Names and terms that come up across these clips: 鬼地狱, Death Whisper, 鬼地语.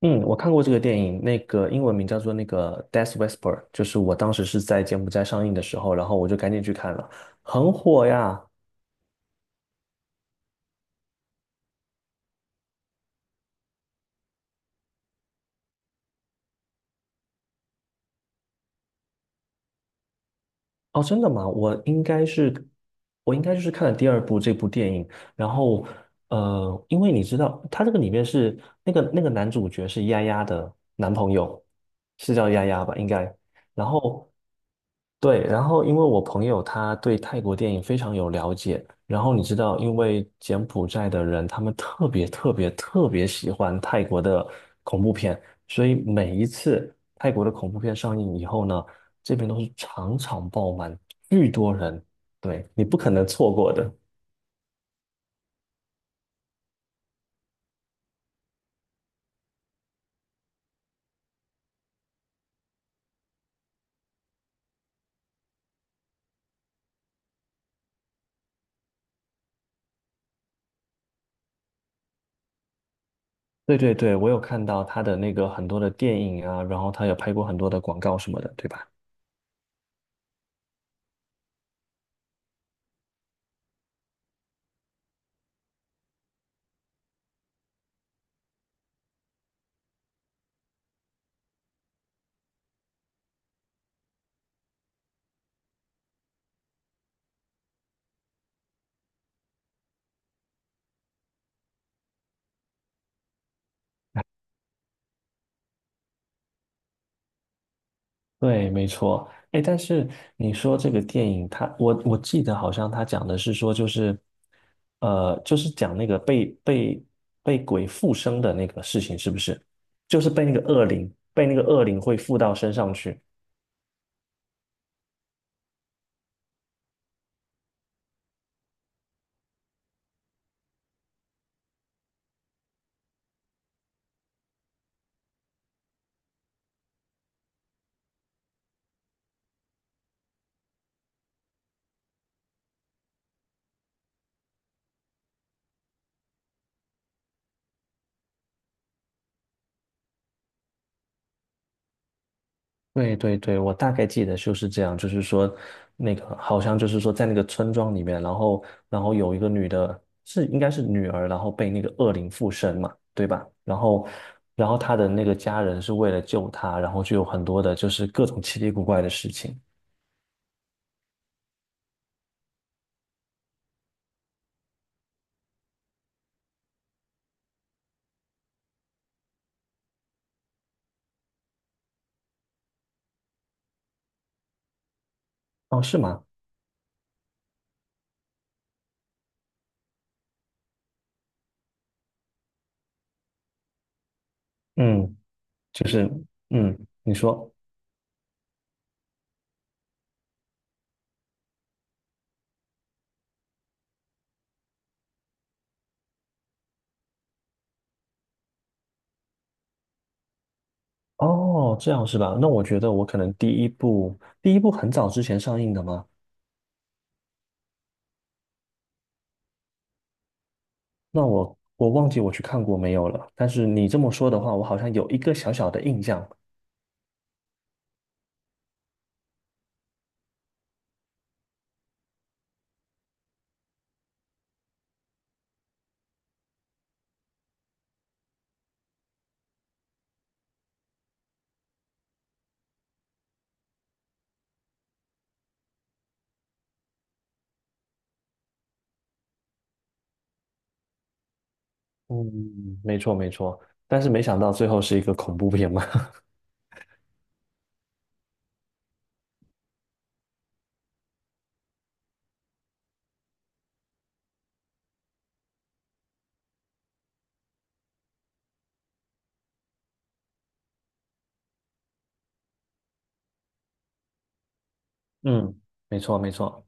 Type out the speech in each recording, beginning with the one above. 嗯，我看过这个电影，那个英文名叫做《Death Whisper》，就是我当时是在柬埔寨上映的时候，然后我就赶紧去看了，很火呀。哦，真的吗？我应该是，我应该就是看了第二部这部电影，然后因为你知道，他这个里面是那个男主角是丫丫的男朋友，是叫丫丫吧？应该。然后对，然后因为我朋友他对泰国电影非常有了解，然后你知道，因为柬埔寨的人他们特别特别特别喜欢泰国的恐怖片，所以每一次泰国的恐怖片上映以后呢。这边都是场场爆满，巨多人，对，你不可能错过的。对对对，我有看到他的那个很多的电影啊，然后他有拍过很多的广告什么的，对吧？对，没错。哎，但是你说这个电影他我记得好像他讲的是说，就是，就是讲那个被被鬼附身的那个事情，是不是？就是被那个恶灵，被那个恶灵会附到身上去。对对对，我大概记得就是这样，就是说，那个好像就是说，在那个村庄里面，然后有一个女的，是应该是女儿，然后被那个恶灵附身嘛，对吧？然后她的那个家人是为了救她，然后就有很多的就是各种奇奇古怪的事情。哦，是吗？嗯，就是嗯，你说哦，这样是吧？那我觉得我可能第一部很早之前上映的吗？那我忘记我去看过没有了，但是你这么说的话，我好像有一个小小的印象。嗯，没错没错，但是没想到最后是一个恐怖片嘛。嗯，没错没错。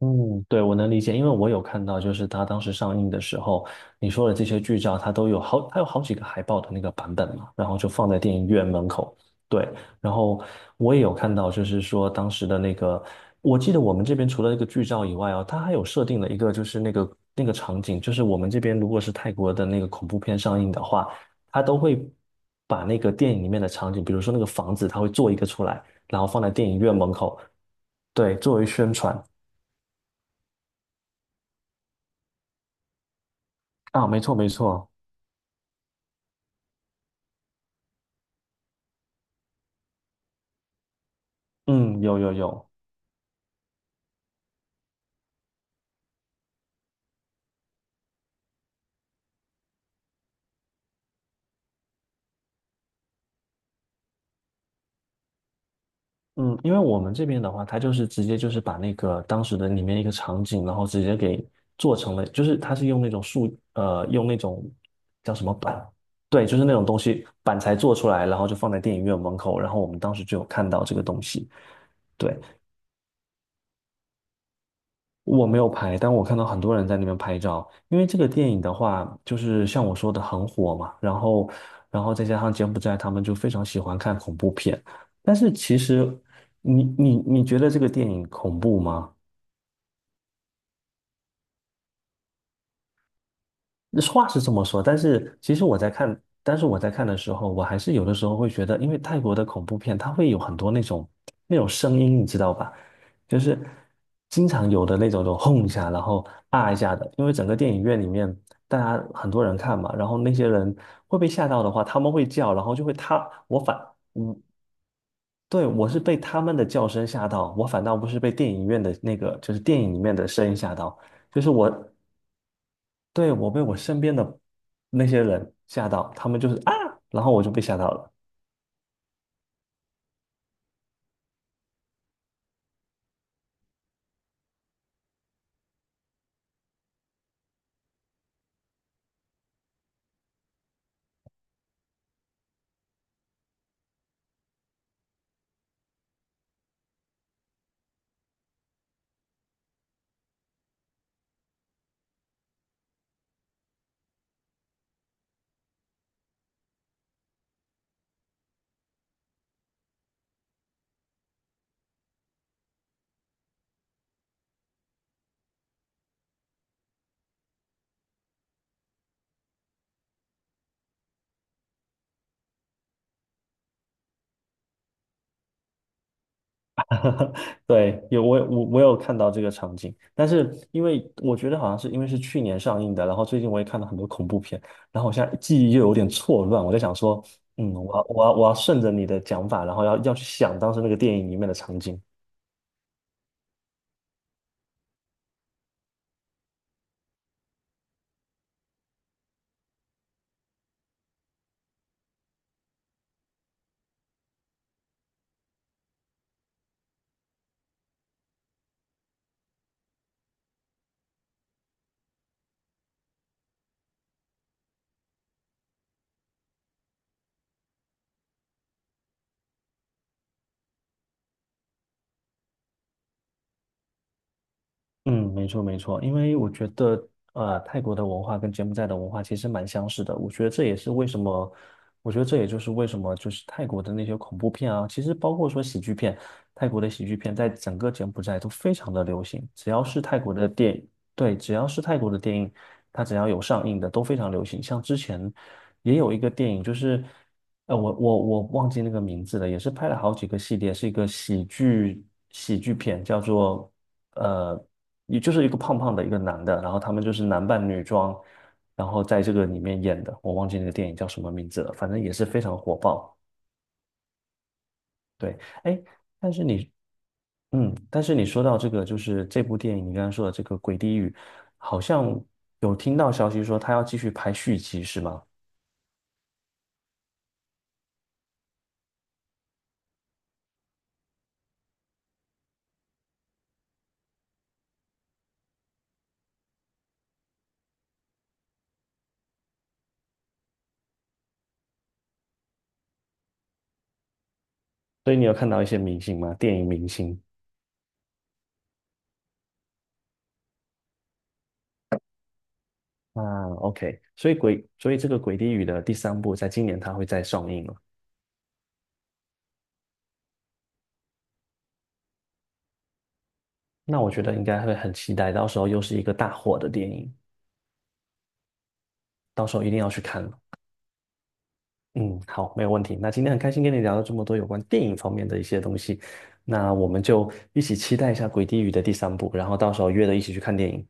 嗯，对，我能理解，因为我有看到，就是它当时上映的时候，你说的这些剧照，它都有好，它有好几个海报的那个版本嘛，然后就放在电影院门口。对，然后我也有看到，就是说当时的那个，我记得我们这边除了那个剧照以外哦，它还有设定了一个，就是那个场景，就是我们这边如果是泰国的那个恐怖片上映的话，它都会把那个电影里面的场景，比如说那个房子，它会做一个出来，然后放在电影院门口，对，作为宣传。啊，没错没错，嗯，有有有，嗯，因为我们这边的话，它就是直接就是把那个当时的里面一个场景，然后直接给做成了，就是它是用那种树，用那种叫什么板，对，就是那种东西板材做出来，然后就放在电影院门口，然后我们当时就有看到这个东西，对，我没有拍，但我看到很多人在那边拍照。因为这个电影的话，就是像我说的很火嘛，然后，然后再加上柬埔寨他们就非常喜欢看恐怖片。但是其实你觉得这个电影恐怖吗？话是这么说，但是其实我在看，但是我在看的时候，我还是有的时候会觉得，因为泰国的恐怖片，它会有很多那种声音，你知道吧？就是经常有的那种，就轰一下，然后啊一下的。因为整个电影院里面，大家很多人看嘛，然后那些人会被吓到的话，他们会叫，然后就会他，我反，嗯，对，我是被他们的叫声吓到，我反倒不是被电影院的那个，就是电影里面的声音吓到。就是我对，我被我身边的那些人吓到，他们就是啊，然后我就被吓到了。对，有我有看到这个场景，但是因为我觉得好像是因为是去年上映的，然后最近我也看到很多恐怖片，然后我现在记忆又有点错乱，我在想说，嗯，我要顺着你的讲法，然后要去想当时那个电影里面的场景。嗯，没错没错，因为我觉得，泰国的文化跟柬埔寨的文化其实蛮相似的。我觉得这也是为什么，我觉得这也就是为什么，就是泰国的那些恐怖片啊，其实包括说喜剧片，泰国的喜剧片在整个柬埔寨都非常的流行。只要是泰国的电影，对，只要是泰国的电影，它只要有上映的都非常流行。像之前也有一个电影，就是，我忘记那个名字了，也是拍了好几个系列，是一个喜剧片叫做。呃。也就是一个胖胖的一个男的，然后他们就是男扮女装，然后在这个里面演的，我忘记那个电影叫什么名字了，反正也是非常火爆。对，哎，但是嗯，但是你说到这个，就是这部电影，你刚刚说的这个《鬼地语》，好像有听到消息说他要继续拍续集，是吗？所以你有看到一些明星吗？电影明星啊，OK，所以这个《鬼地语》的第三部在今年它会再上映了，那我觉得应该会很期待，到时候又是一个大火的电影。到时候一定要去看了嗯，好，没有问题。那今天很开心跟你聊了这么多有关电影方面的一些东西，那我们就一起期待一下《鬼地狱》的第三部，然后到时候约着一起去看电影。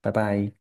拜拜。